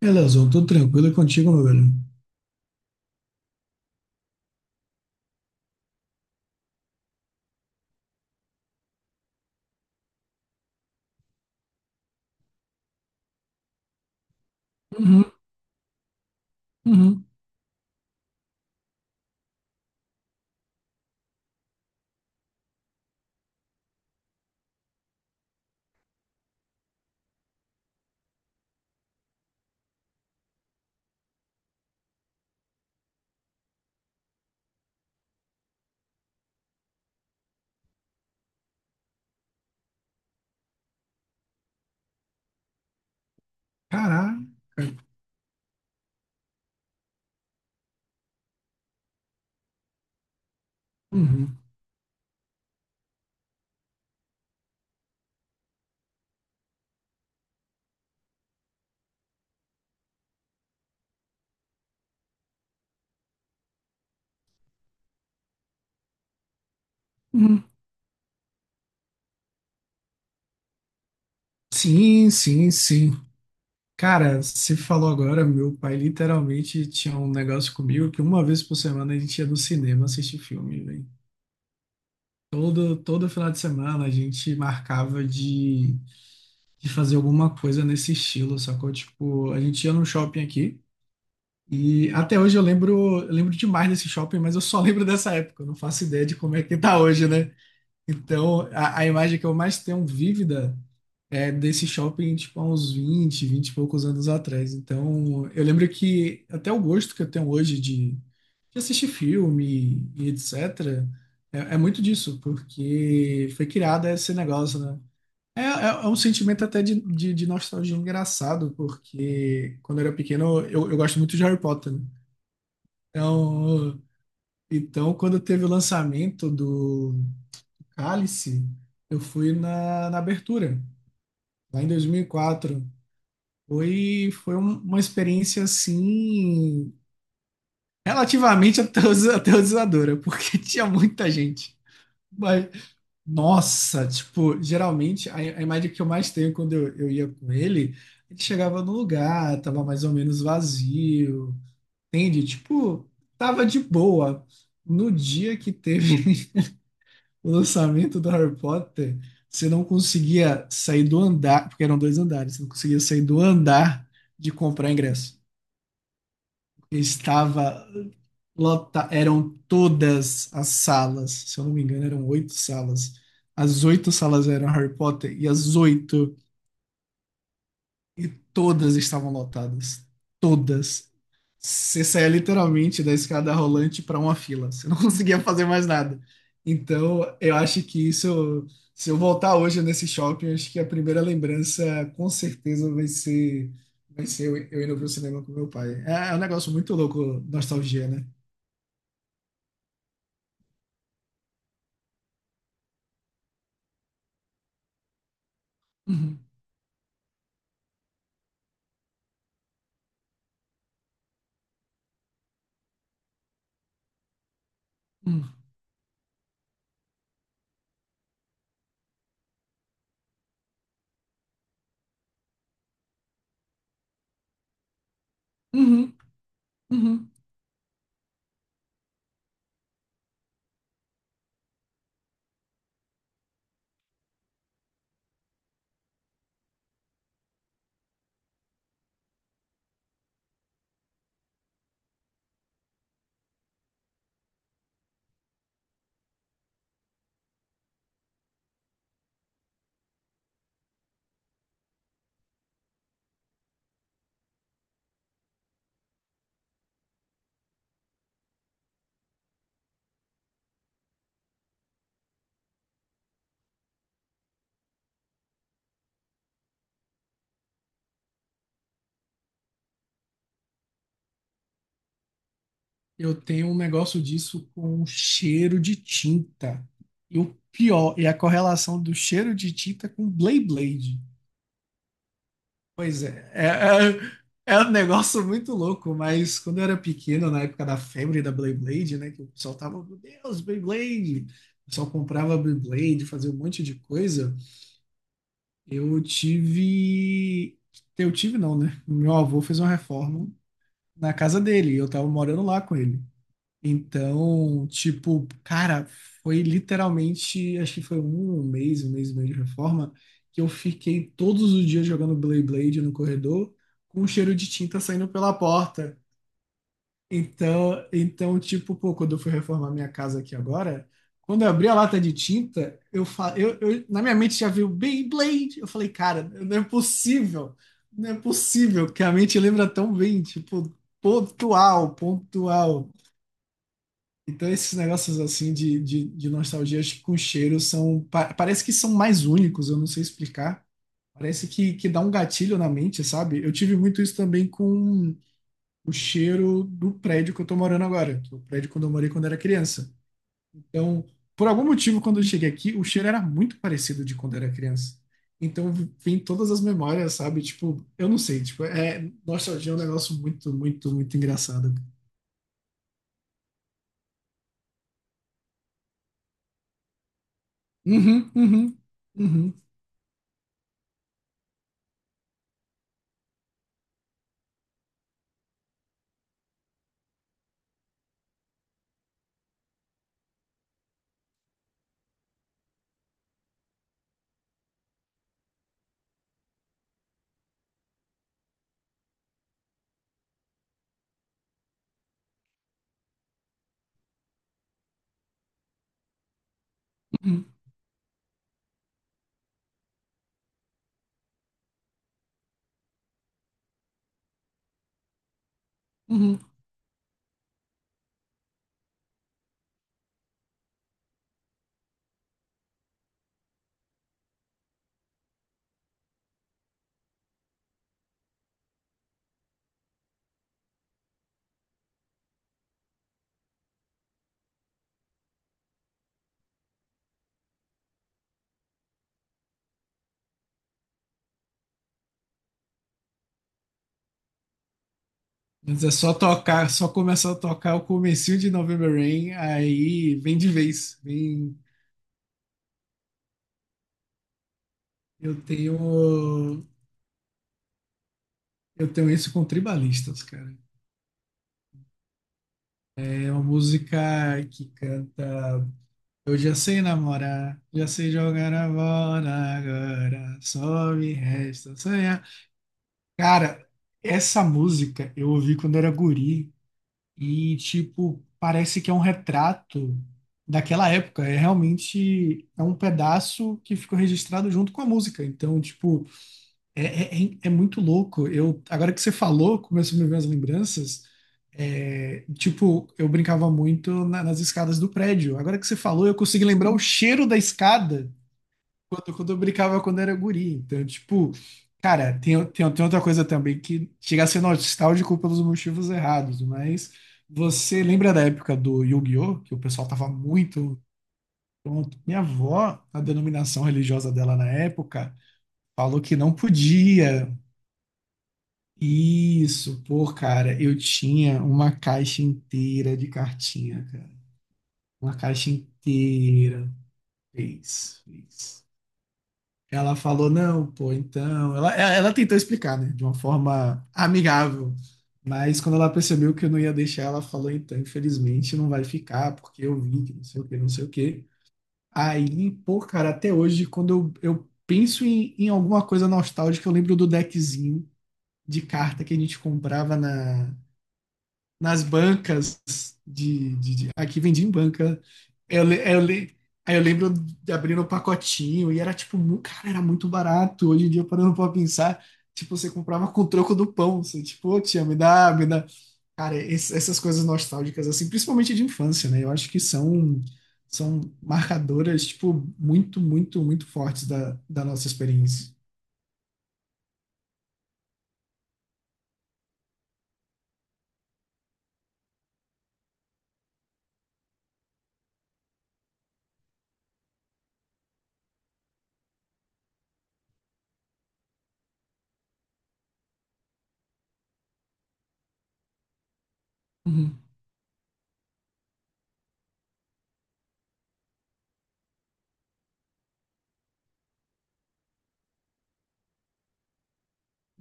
Beleza, tudo tranquilo e contigo, meu velho. Uhum, uhum. Caraca. Uhum, uhum. Sim, sim, sim. Cara, você falou agora, meu pai literalmente tinha um negócio comigo que uma vez por semana a gente ia no cinema assistir filme, velho. Todo final de semana a gente marcava de fazer alguma coisa nesse estilo, sacou? Tipo, a gente ia num shopping aqui e até hoje eu lembro demais desse shopping, mas eu só lembro dessa época, eu não faço ideia de como é que tá hoje, né? Então, a imagem que eu mais tenho vívida é desse shopping, tipo, há uns 20 e poucos anos atrás. Então, eu lembro que até o gosto que eu tenho hoje de assistir filme e etc., é muito disso, porque foi criado esse negócio, né? É um sentimento até de nostalgia engraçado, porque quando eu era pequeno, eu gosto muito de Harry Potter, né? Então, então, quando teve o lançamento do Cálice, eu fui na abertura, lá em 2004. Foi uma experiência, assim, relativamente aterrorizadora, porque tinha muita gente. Mas, nossa, tipo, geralmente, a imagem que eu mais tenho quando eu ia com ele, ele chegava no lugar, tava mais ou menos vazio, entende? Tipo, tava de boa. No dia que teve o lançamento do Harry Potter, você não conseguia sair do andar, porque eram dois andares, você não conseguia sair do andar de comprar ingresso. Estava lota, eram todas as salas, se eu não me engano, eram oito salas. As oito salas eram Harry Potter e as oito, e todas estavam lotadas. Todas. Você saía literalmente da escada rolante para uma fila. Você não conseguia fazer mais nada. Então, eu acho que isso, se eu voltar hoje nesse shopping, eu acho que a primeira lembrança com certeza vai ser, vai ser eu indo pro cinema com meu pai. É um negócio muito louco, nostalgia, né? Uhum, uhum, uhum, uhum. Eu tenho um negócio disso com cheiro de tinta. E o pior é a correlação do cheiro de tinta com Beyblade. Pois é, é um negócio muito louco, mas quando eu era pequeno, na época da febre da Beyblade, né, que o pessoal tava, meu Deus, Beyblade! O pessoal comprava Beyblade, fazia um monte de coisa. Eu tive. Eu tive, não, né? Meu avô fez uma reforma na casa dele e eu tava morando lá com ele. Então, tipo, cara, foi literalmente, acho que foi um mês e meio de reforma, que eu fiquei todos os dias jogando Blade Blade no corredor, com um cheiro de tinta saindo pela porta. Então, tipo, pô, quando eu fui reformar minha casa aqui agora, quando eu abri a lata de tinta, eu na minha mente já veio Beyblade. Eu falei, cara, não é possível, não é possível que a mente lembra tão bem, tipo, pontual, pontual. Então, esses negócios assim de nostalgias com cheiro são, parece que são mais únicos, eu não sei explicar. Parece que dá um gatilho na mente, sabe? Eu tive muito isso também com o cheiro do prédio que eu tô morando agora, que é o prédio quando eu morei quando era criança. Então, por algum motivo, quando eu cheguei aqui, o cheiro era muito parecido de quando era criança. Então, vem todas as memórias, sabe? Tipo, eu não sei, tipo, é, nostalgia é um negócio muito, muito, muito engraçado. Uhum, uhum, uhum, uhum, uhum. Mas é só tocar, só começar a tocar o comecinho de November Rain, aí vem de vez. Vem. Eu tenho eu tenho isso com tribalistas, cara. É uma música que canta: "Eu já sei namorar, já sei jogar a bola, agora só me resta sonhar". Cara, essa música eu ouvi quando era guri. E, tipo, parece que é um retrato daquela época. Realmente é um pedaço que ficou registrado junto com a música. Então, tipo, é muito louco. Eu, agora que você falou, começou a me ver as lembranças. É, tipo, eu brincava muito nas escadas do prédio. Agora que você falou, eu consegui lembrar o cheiro da escada quando eu brincava quando era guri. Então, tipo, cara, tem outra coisa também que chega a ser nostálgico pelos motivos errados, mas você lembra da época do Yu-Gi-Oh? Que o pessoal tava muito pronto. Minha avó, a denominação religiosa dela na época, falou que não podia. Isso, pô, cara, eu tinha uma caixa inteira de cartinha, cara. Uma caixa inteira. Fez, fez. Ela falou, não, pô, então. Ela tentou explicar, né? De uma forma amigável. Mas quando ela percebeu que eu não ia deixar, ela falou, então, infelizmente não vai ficar, porque eu vi que não sei o que, não sei o que. Aí, pô, cara, até hoje, quando eu penso em alguma coisa nostálgica, eu lembro do deckzinho de carta que a gente comprava nas bancas aqui vendia em banca. Eu, le- eu, le- aí eu lembro de abrir o pacotinho e era tipo, cara, era muito barato. Hoje em dia, parando pra pensar, tipo, você comprava com o troco do pão. Você, tipo, "Ô, tia, me dá, me dá". Cara, essas coisas nostálgicas, assim, principalmente de infância, né? Eu acho que são, marcadoras, tipo, muito, muito, muito fortes da nossa experiência. Uhum,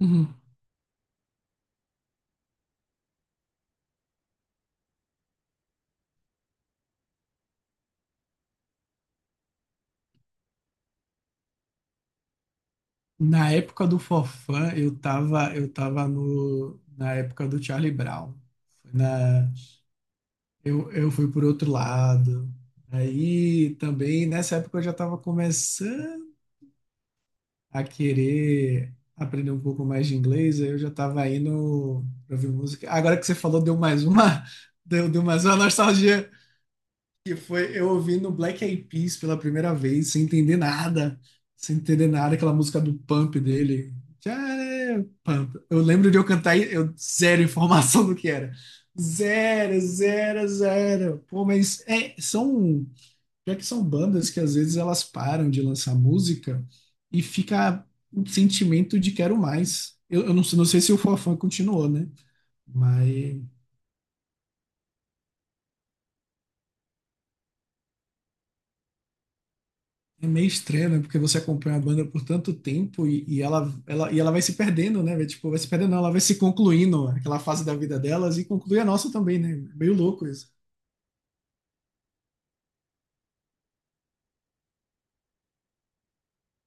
uhum. Na época do Forfã, eu tava no, na época do Charlie Brown. Foi Na, eu fui por outro lado. Aí também, nessa época, eu já estava começando a querer aprender um pouco mais de inglês, aí eu já estava indo para ouvir música. Agora que você falou, deu mais uma, deu mais uma nostalgia, que foi eu ouvindo Black Eyed Peas pela primeira vez, sem entender nada, sem entender nada, aquela música do Pump dele. Já é Pump. Eu lembro de eu cantar e eu zero informação do que era. Zero, zero, zero. Pô, mas é, são, já que são bandas que às vezes elas param de lançar música e fica um sentimento de quero mais. Eu não sei se o Fofão continuou, né? Mas é meio estranho, né? Porque você acompanha a banda por tanto tempo e ela vai se perdendo, né? Vai, tipo, vai se perdendo, não, ela vai se concluindo aquela fase da vida delas e conclui a nossa também, né? Meio louco isso.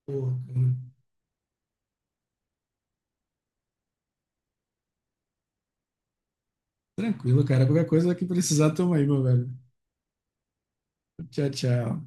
Porra, cara. Tranquilo, cara. Qualquer coisa que precisar, tamo aí, meu velho. Tchau, tchau.